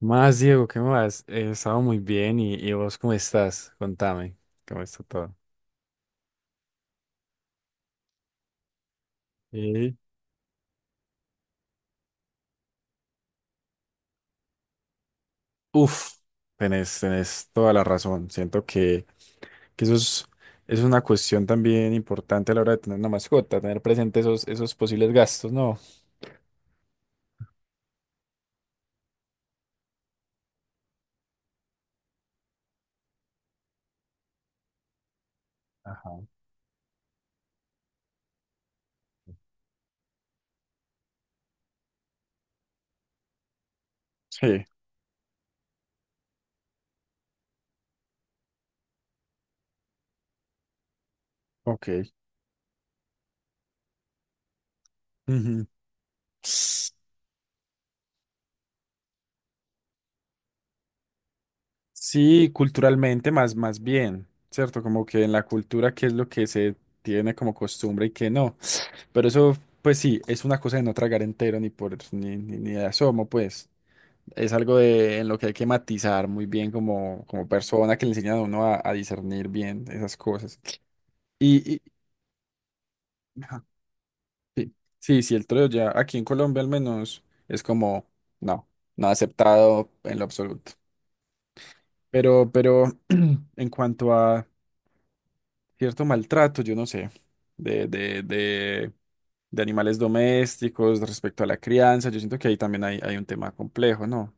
Más, Diego, ¿qué más? He estado muy bien y vos ¿cómo estás? Contame, ¿cómo está todo? Y Uf, tenés toda la razón. Siento que eso es una cuestión también importante a la hora de tener una mascota, tener presente esos posibles gastos, ¿no? Ajá. Sí, ok. Ujú. Sí, culturalmente más bien, ¿cierto? Como que en la cultura, ¿qué es lo que se tiene como costumbre y qué no? Pero eso, pues sí, es una cosa de no tragar entero ni por ni, ni, ni de asomo, pues. Es algo en lo que hay que matizar muy bien como persona que le enseñan a uno a discernir bien esas cosas. Y, y- ajá, sí, sí, sí, el troleo ya aquí en Colombia al menos es como, no, no aceptado en lo absoluto. Pero en cuanto a cierto maltrato, yo no sé, de, de, de, de animales domésticos respecto a la crianza. Yo siento que ahí también hay un tema complejo, ¿no?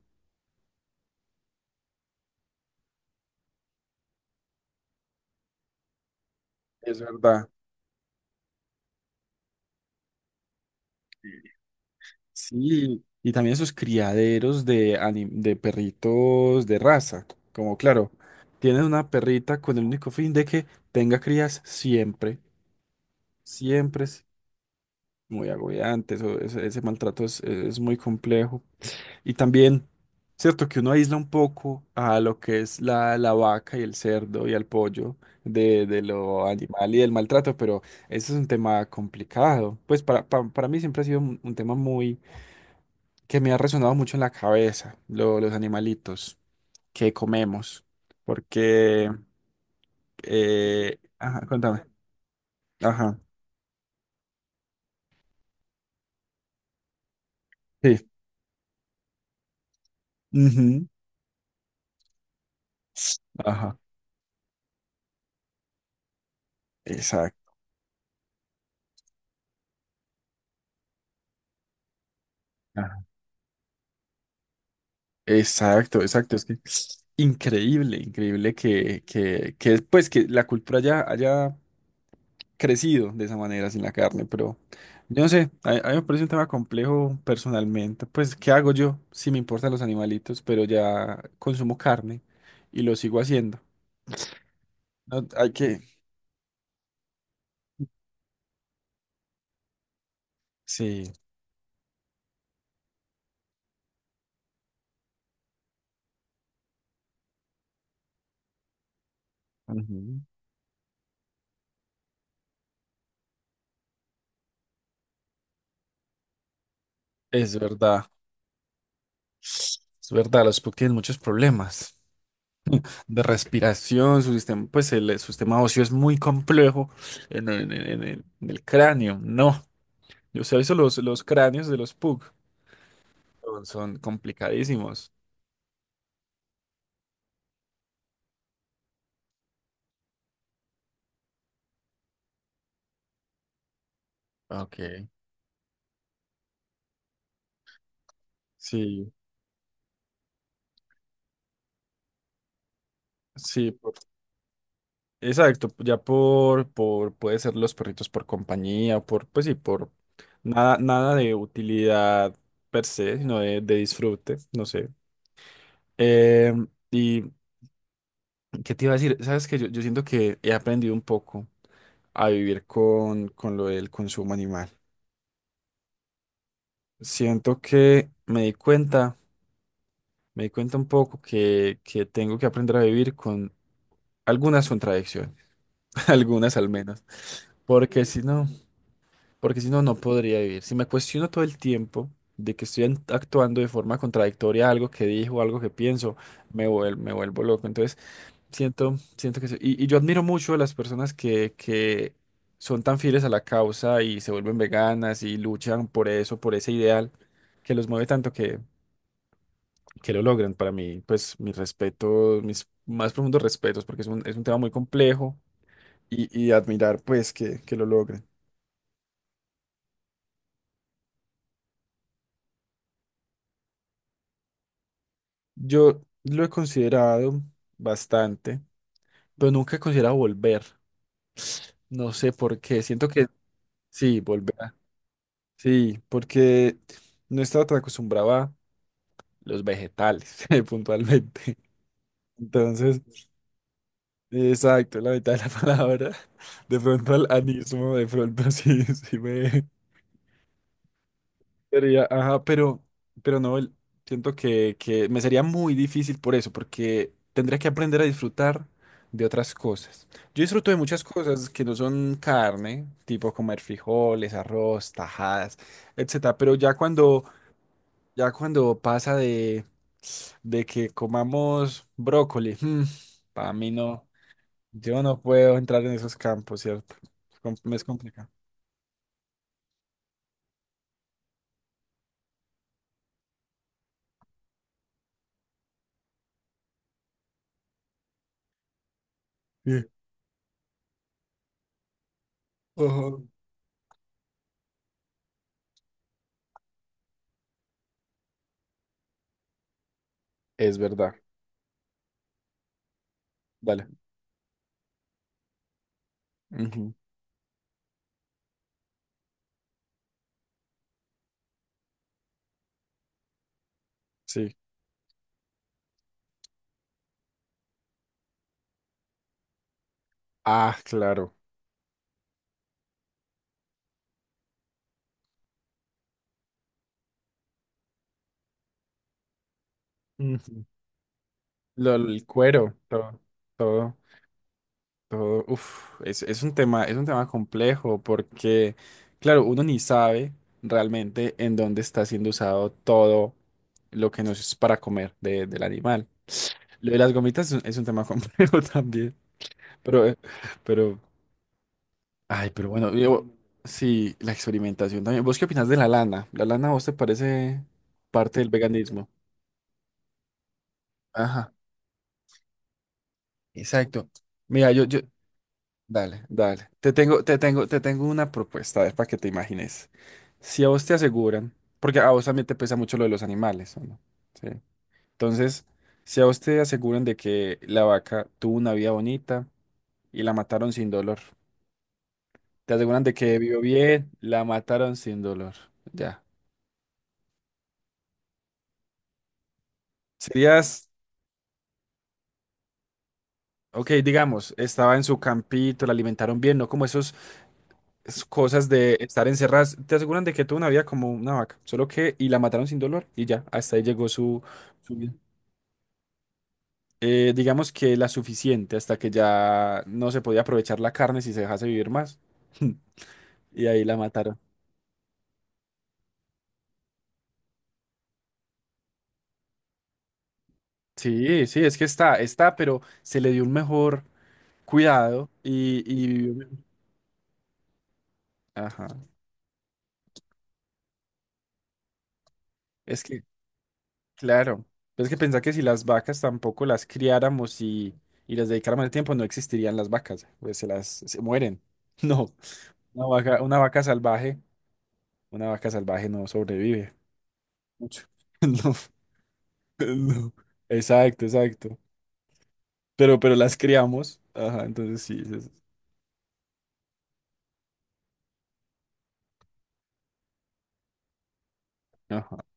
Es verdad. Sí, y también esos criaderos de perritos de raza, como claro, tienen una perrita con el único fin de que tenga crías siempre, siempre es muy agobiante, ese maltrato es muy complejo. Y también, cierto que uno aísla un poco a lo que es la vaca y el cerdo y al pollo de lo animal y del maltrato, pero ese es un tema complicado. Pues para mí siempre ha sido un tema muy que me ha resonado mucho en la cabeza, los animalitos que comemos, porque... ajá, contame. Ajá, sí. Ujú. Ajá, exacto. Exacto, exacto. Es que es increíble, increíble que, pues, que la cultura ya haya crecido de esa manera sin la carne, pero yo no sé, a mí me parece un tema complejo personalmente. Pues, ¿qué hago yo? Sí me importan los animalitos, pero ya consumo carne y lo sigo haciendo. No, hay que... Sí, Ujú. Es verdad. Es verdad, los Puck tienen muchos problemas de respiración. Su sistema, pues el su sistema óseo es muy complejo en el cráneo. No, yo sé, eso los cráneos de los Pug son complicadísimos. Ok. Sí, sí, exacto, ya puede ser los perritos por compañía, pues sí, por nada de utilidad per se, sino de disfrute, no sé. Y, ¿qué te iba a decir? Sabes que yo siento que he aprendido un poco a vivir con lo del consumo animal. Siento que me di cuenta un poco que tengo que aprender a vivir con algunas contradicciones, algunas al menos, porque si no, porque si no, no podría vivir. Si me cuestiono todo el tiempo de que estoy actuando de forma contradictoria a algo que dijo, algo que pienso, me vuelvo loco. Entonces, siento que sí. Y yo admiro mucho a las personas que son tan fieles a la causa y se vuelven veganas y luchan por eso, por ese ideal que los mueve tanto que lo logran. Para mí, pues mis respetos, mis más profundos respetos, porque es un tema muy complejo y admirar pues que lo logren. Yo lo he considerado bastante, pero nunca he considerado volver. No sé por qué. Siento que sí, volver. Sí, porque no estaba tan acostumbrado a los vegetales, puntualmente. Entonces, exacto, la mitad de la palabra. De pronto al anismo, de pronto sí, sí me sería, ajá, pero no, siento que me sería muy difícil por eso, porque tendría que aprender a disfrutar de otras cosas. Yo disfruto de muchas cosas que no son carne, tipo comer frijoles, arroz, tajadas, etcétera, pero ya cuando pasa de que comamos brócoli, para mí no, yo no puedo entrar en esos campos, ¿cierto? Me es complicado. Sí. Ojo. Es verdad, dale. Ujú. Sí. Ah, claro. Ujú. El cuero, todo, todo, todo. Uf, es un tema complejo porque, claro, uno ni sabe realmente en dónde está siendo usado todo lo que nos es para comer del animal. Lo de las gomitas es un tema complejo también. Pero, eh, pero, ay, pero bueno, sí, la experimentación también. ¿Vos qué opinás de la lana? ¿La lana a vos te parece parte del veganismo? Ajá, exacto. Mira, dale, dale. Te tengo una propuesta, a ver, para que te imagines. Si a vos te aseguran, porque a vos también te pesa mucho lo de los animales, ¿o no? Sí. Entonces, si a vos te aseguran de que la vaca tuvo una vida bonita y la mataron sin dolor. Te aseguran de que vivió bien, la mataron sin dolor. Ya. Serías, ok, digamos, estaba en su campito, la alimentaron bien, no como esas cosas de estar encerradas. Te aseguran de que tuvo una vida como una vaca, solo que, y la mataron sin dolor, y ya, hasta ahí llegó su vida. Digamos que la suficiente, hasta que ya no se podía aprovechar la carne si se dejase vivir más. Y ahí la mataron. Sí, sí, es que está, pero se le dio un mejor cuidado y vivió mejor. Ajá. Es que Claro, pero es que pensá que si las vacas tampoco las criáramos y les dedicáramos el tiempo, no existirían las vacas, pues se mueren. No, una vaca, una vaca salvaje, una vaca salvaje no sobrevive mucho. No, pues no. Exacto, exacto. Pero las criamos, ajá, entonces sí, ajá.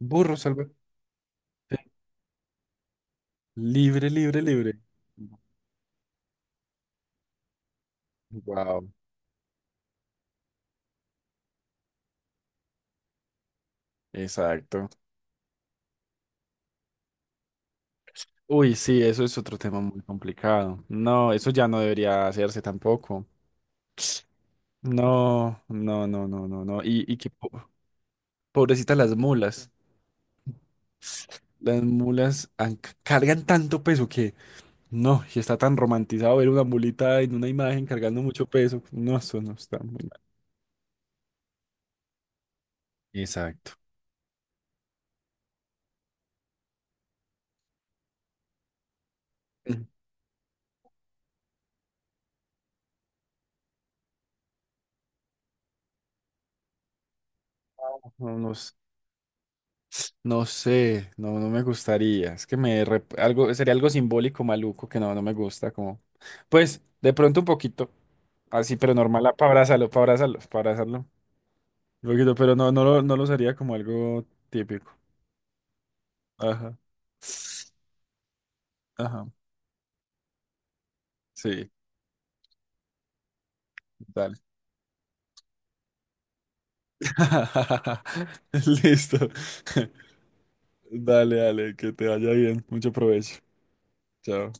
Burro salvaje. Libre, libre, libre. Wow, exacto. Uy, sí, eso es otro tema muy complicado. No, eso ya no debería hacerse tampoco. No, no, no, no, no, no. Y que pobrecitas las mulas. Las mulas cargan tanto peso que no, y está tan romantizado ver una mulita en una imagen cargando mucho peso. No, eso no está muy, exacto, mal. Exacto. No, no, no sé, no, no me gustaría. Es que algo, sería algo simbólico maluco que no, no me gusta. Como, pues, de pronto un poquito, así, pero normal, para abrazarlo, para abrazarlo, para abrazarlo. Un poquito, pero no, no lo usaría como algo típico. Ajá. Ajá. Sí, dale. Listo. Dale, dale, que te vaya bien. Mucho provecho. Chao.